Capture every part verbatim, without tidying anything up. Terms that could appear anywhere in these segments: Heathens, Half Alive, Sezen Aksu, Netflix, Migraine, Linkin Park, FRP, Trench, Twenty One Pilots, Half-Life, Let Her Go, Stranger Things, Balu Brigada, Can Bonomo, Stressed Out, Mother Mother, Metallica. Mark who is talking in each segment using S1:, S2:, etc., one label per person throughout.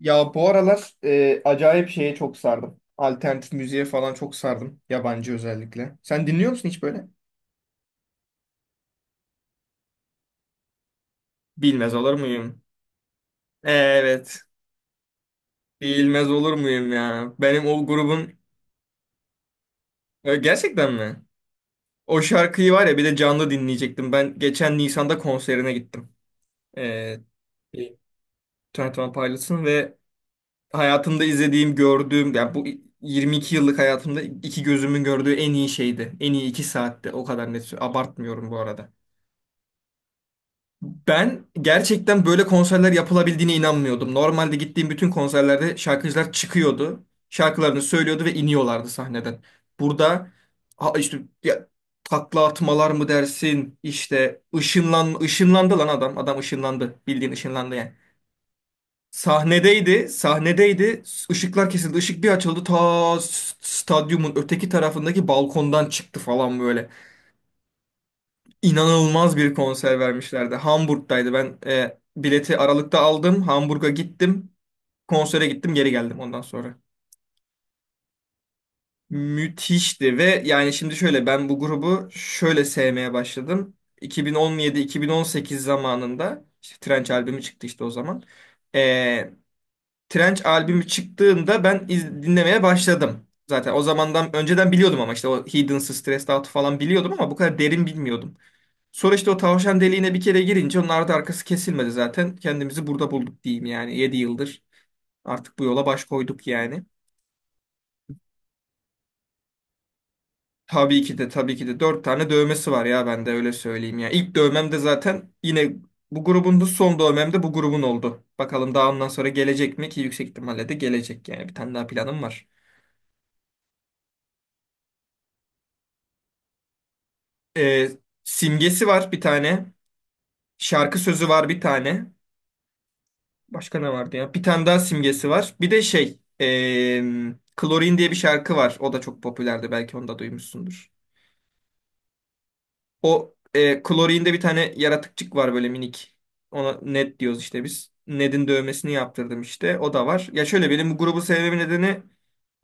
S1: Ya bu aralar e, acayip şeye çok sardım. Alternatif müziğe falan çok sardım. Yabancı özellikle. Sen dinliyor musun hiç böyle? Bilmez olur muyum? Evet. Bilmez olur muyum ya? Benim o grubun... E, gerçekten mi? O şarkıyı var ya bir de canlı dinleyecektim. Ben geçen Nisan'da konserine gittim. E, Twenty One Pilots'ın ve hayatımda izlediğim, gördüğüm... Yani bu yirmi iki yıllık hayatımda iki gözümün gördüğü en iyi şeydi. En iyi iki saatti. O kadar net. Abartmıyorum bu arada. Ben gerçekten böyle konserler yapılabildiğine inanmıyordum. Normalde gittiğim bütün konserlerde şarkıcılar çıkıyordu. Şarkılarını söylüyordu ve iniyorlardı sahneden. Burada ha işte ya, takla atmalar mı dersin? İşte ışınlan ışınlandı lan adam. Adam ışınlandı. Bildiğin ışınlandı yani. Sahnedeydi, sahnedeydi. Işıklar kesildi. Işık bir açıldı. Ta s- stadyumun öteki tarafındaki balkondan çıktı falan böyle inanılmaz bir konser vermişlerdi. Hamburg'daydı. Ben e, bileti Aralık'ta aldım. Hamburg'a gittim. Konsere gittim, geri geldim ondan sonra. Müthişti ve yani şimdi şöyle ben bu grubu şöyle sevmeye başladım. iki bin on yedi-iki bin on sekiz zamanında işte Trench albümü çıktı işte o zaman. E, Trench albümü çıktığında ben iz- dinlemeye başladım. Zaten o zamandan önceden biliyordum ama işte o Hidden Stressed Out falan biliyordum ama bu kadar derin bilmiyordum. Sonra işte o tavşan deliğine bir kere girince onun ardı arkası kesilmedi zaten. Kendimizi burada bulduk diyeyim yani. yedi yıldır artık bu yola baş koyduk yani. Tabii ki de tabii ki de dört tane dövmesi var ya ben de öyle söyleyeyim ya. İlk dövmem de zaten yine bu grubun da son dövmem de bu grubun oldu. Bakalım daha ondan sonra gelecek mi ki yüksek ihtimalle de gelecek yani. Bir tane daha planım var. Ee, simgesi var bir tane. Şarkı sözü var bir tane. Başka ne vardı ya? Bir tane daha simgesi var. Bir de şey, eee Klorin diye bir şarkı var. O da çok popülerdi. Belki onu da duymuşsundur. O eee Klorin'de bir tane yaratıkçık var böyle minik. Ona Ned diyoruz işte biz. Ned'in dövmesini yaptırdım işte. O da var. Ya şöyle benim bu grubu sevmemin nedeni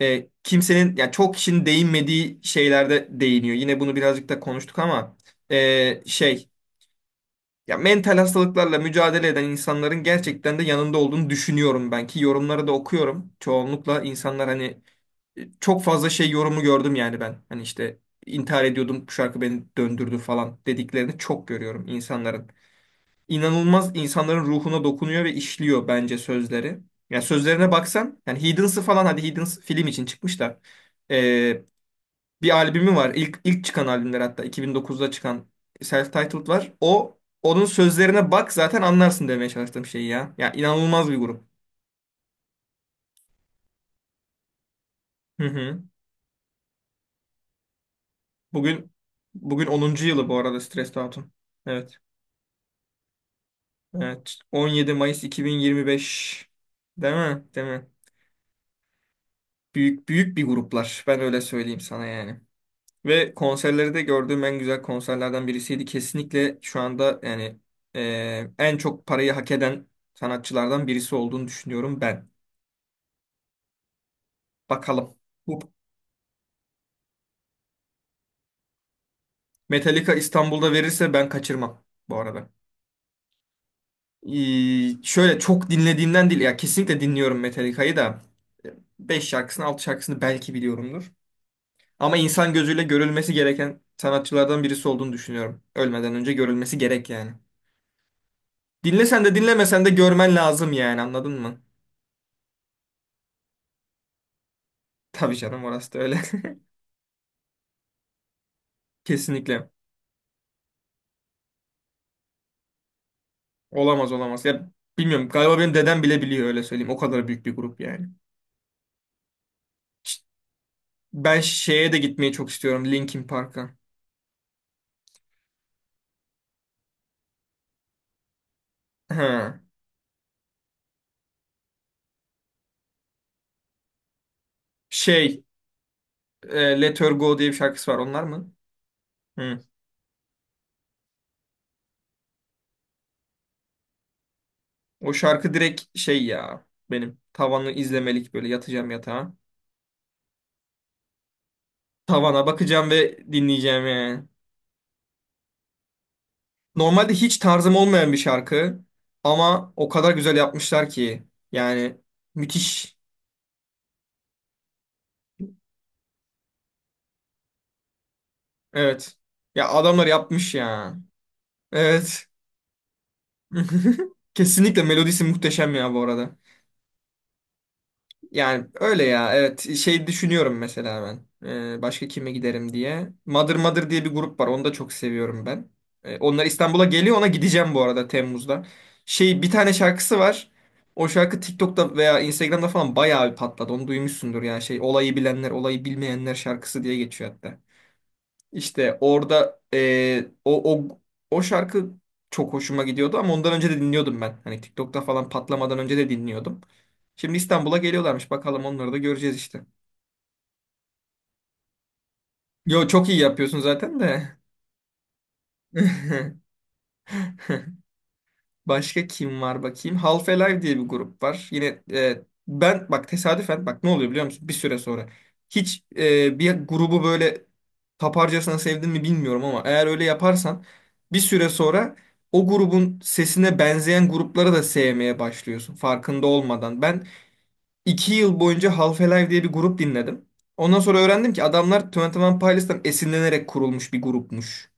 S1: eee, kimsenin, ya çok kişinin değinmediği şeylerde değiniyor. Yine bunu birazcık da konuştuk ama eee, şey. Ya mental hastalıklarla mücadele eden insanların gerçekten de yanında olduğunu düşünüyorum ben ki yorumları da okuyorum. Çoğunlukla insanlar hani e, çok fazla şey yorumu gördüm yani ben. Hani işte intihar ediyordum bu şarkı beni döndürdü falan dediklerini çok görüyorum insanların. İnanılmaz insanların ruhuna dokunuyor ve işliyor bence sözleri. Yani sözlerine baksan yani Heathens'ı falan hadi Heathens film için çıkmış da bir albümü var. İlk, ilk çıkan albümler hatta iki bin dokuzda çıkan self-titled var. O onun sözlerine bak zaten anlarsın demeye çalıştığım şey ya. Ya inanılmaz bir grup. Hı hı. Bugün bugün onuncu yılı bu arada Stressed Out'un. Evet. Evet. on yedi Mayıs iki bin yirmi beş. Değil mi? Değil mi? Büyük büyük bir gruplar. Ben öyle söyleyeyim sana yani. Ve konserleri de gördüğüm en güzel konserlerden birisiydi. Kesinlikle şu anda yani e, en çok parayı hak eden sanatçılardan birisi olduğunu düşünüyorum ben. Bakalım. Bu Metallica İstanbul'da verirse ben kaçırmam bu arada. Ee, şöyle çok dinlediğimden değil ya kesinlikle dinliyorum Metallica'yı da beş şarkısını altı şarkısını belki biliyorumdur. Ama insan gözüyle görülmesi gereken sanatçılardan birisi olduğunu düşünüyorum. Ölmeden önce görülmesi gerek yani. Dinlesen de dinlemesen de görmen lazım yani anladın mı? Tabii canım orası da öyle. Kesinlikle. Olamaz olamaz. Ya bilmiyorum galiba benim dedem bile biliyor öyle söyleyeyim. O kadar büyük bir grup yani. Ş- Ben şeye de gitmeyi çok istiyorum. Linkin Park'a. Ha. Şey e, Let Her Go diye bir şarkısı var. Onlar mı? Hı. O şarkı direkt şey ya benim tavanı izlemelik böyle yatacağım yatağa. Tavana bakacağım ve dinleyeceğim yani. Normalde hiç tarzım olmayan bir şarkı ama o kadar güzel yapmışlar ki yani müthiş. Evet. Ya adamlar yapmış ya. Evet. Kesinlikle melodisi muhteşem ya bu arada. Yani öyle ya evet şey düşünüyorum mesela ben. Ee, başka kime giderim diye. Mother Mother diye bir grup var onu da çok seviyorum ben. Ee, onlar İstanbul'a geliyor ona gideceğim bu arada Temmuz'da. Şey bir tane şarkısı var. O şarkı TikTok'ta veya Instagram'da falan bayağı bir patladı. Onu duymuşsundur yani şey olayı bilenler olayı bilmeyenler şarkısı diye geçiyor hatta. İşte orada eee, o, o o şarkı çok hoşuma gidiyordu ama ondan önce de dinliyordum ben. Hani TikTok'ta falan patlamadan önce de dinliyordum. Şimdi İstanbul'a geliyorlarmış. Bakalım onları da göreceğiz işte. Yo çok iyi yapıyorsun zaten de. Başka kim var bakayım? Half Alive diye bir grup var. Yine e, ben bak tesadüfen bak ne oluyor biliyor musun? Bir süre sonra. Hiç e, bir grubu böyle taparcasına sevdin mi bilmiyorum ama eğer öyle yaparsan bir süre sonra o grubun sesine benzeyen grupları da sevmeye başlıyorsun farkında olmadan. Ben iki yıl boyunca Half Alive diye bir grup dinledim. Ondan sonra öğrendim ki adamlar Twenty One Pilots'tan esinlenerek kurulmuş bir grupmuş.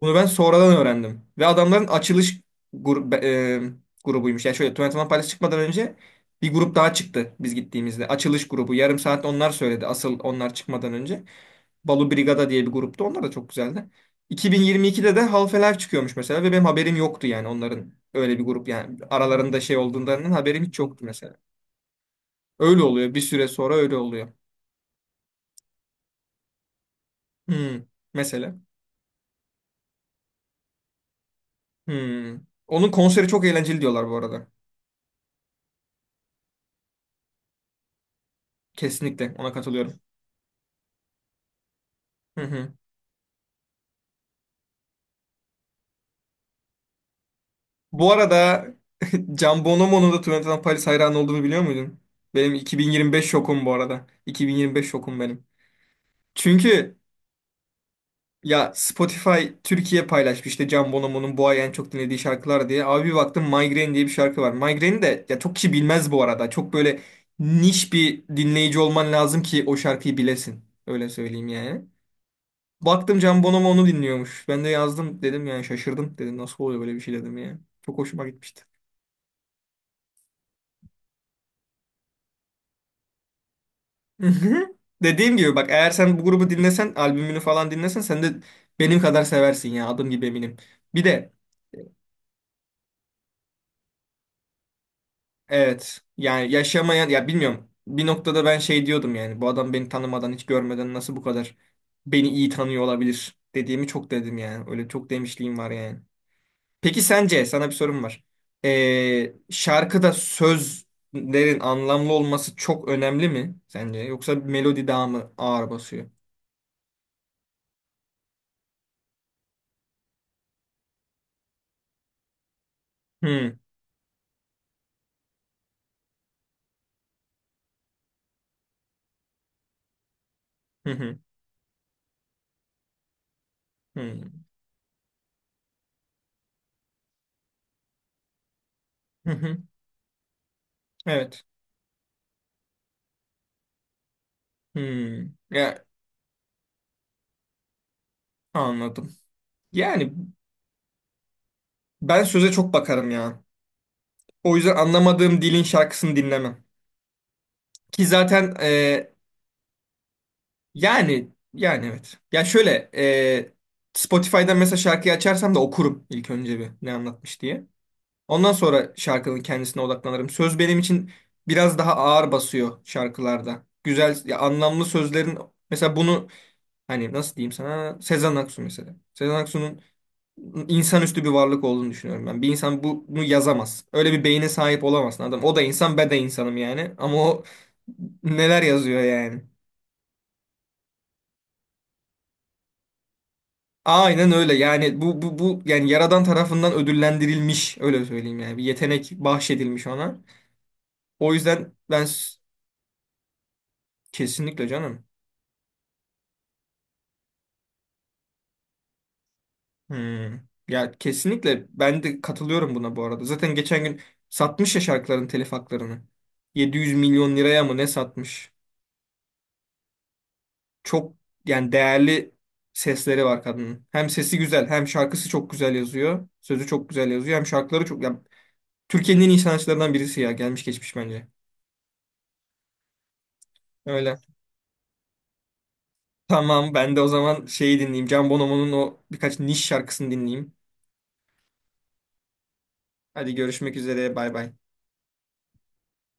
S1: Bunu ben sonradan öğrendim. Ve adamların açılış gru- be- e, grubuymuş. Yani şöyle Twenty One Pilots çıkmadan önce bir grup daha çıktı biz gittiğimizde. Açılış grubu. Yarım saat onlar söyledi. Asıl onlar çıkmadan önce. Balu Brigada diye bir gruptu. Onlar da çok güzeldi. iki bin yirmi ikide de Half-Life çıkıyormuş mesela ve benim haberim yoktu yani onların öyle bir grup yani aralarında şey olduğundan haberim hiç yoktu mesela. Öyle oluyor. Bir süre sonra öyle oluyor. Hmm. Mesela. Hmm. Onun konseri çok eğlenceli diyorlar bu arada. Kesinlikle ona katılıyorum. Hı hı. Bu arada Can Bonomo'nun da Twenty Paris hayranı olduğunu biliyor muydun? Benim iki bin yirmi beş şokum bu arada. iki bin yirmi beş şokum benim. Çünkü ya Spotify Türkiye paylaşmış işte Can Bonomo'nun bu ay en çok dinlediği şarkılar diye. Abi bir baktım Migraine diye bir şarkı var. Migraine'i de ya çok kişi bilmez bu arada. Çok böyle niş bir dinleyici olman lazım ki o şarkıyı bilesin. Öyle söyleyeyim yani. Baktım Can Bonomo onu dinliyormuş. Ben de yazdım dedim yani şaşırdım dedim. Nasıl oluyor böyle bir şey dedim ya. Çok hoşuma gitmişti. Hı hı. Dediğim gibi bak eğer sen bu grubu dinlesen albümünü falan dinlesen sen de benim kadar seversin ya adım gibi eminim. Bir de evet yani yaşamayan ya bilmiyorum bir noktada ben şey diyordum yani bu adam beni tanımadan hiç görmeden nasıl bu kadar beni iyi tanıyor olabilir dediğimi çok dedim yani öyle çok demişliğim var yani. Peki sence sana bir sorum var. Ee, şarkıda sözlerin anlamlı olması çok önemli mi sence yoksa melodi daha mı ağır basıyor? Hı hı hı. Hı. Hı hı. Evet. Hmm. Ya, anladım. Yani ben söze çok bakarım ya. O yüzden anlamadığım dilin şarkısını dinlemem. Ki zaten e, yani yani evet. Ya şöyle e, Spotify'dan mesela şarkıyı açarsam da okurum ilk önce bir ne anlatmış diye. Ondan sonra şarkının kendisine odaklanırım. Söz benim için biraz daha ağır basıyor şarkılarda. Güzel ya anlamlı sözlerin mesela bunu hani nasıl diyeyim sana Sezen Aksu mesela. Sezen Aksu'nun insanüstü bir varlık olduğunu düşünüyorum ben. Bir insan bu, bunu yazamaz. Öyle bir beyne sahip olamazsın adam. O da insan, ben de insanım yani. Ama o neler yazıyor yani. Aynen öyle. Yani bu bu bu yani yaradan tarafından ödüllendirilmiş öyle söyleyeyim yani. Bir yetenek bahşedilmiş ona. O yüzden ben s- Kesinlikle canım. Hmm. Ya kesinlikle ben de katılıyorum buna bu arada. Zaten geçen gün satmış ya şarkıların telif haklarını. yedi yüz milyon liraya mı ne satmış? Çok yani değerli sesleri var kadının. Hem sesi güzel, hem şarkısı çok güzel yazıyor. Sözü çok güzel yazıyor, hem şarkıları çok yani Türkiye'nin en iyi sanatçılarından birisi ya, gelmiş geçmiş bence. Öyle. Tamam, ben de o zaman şeyi dinleyeyim. Can Bonomo'nun o birkaç niş şarkısını dinleyeyim. Hadi görüşmek üzere, bay bay.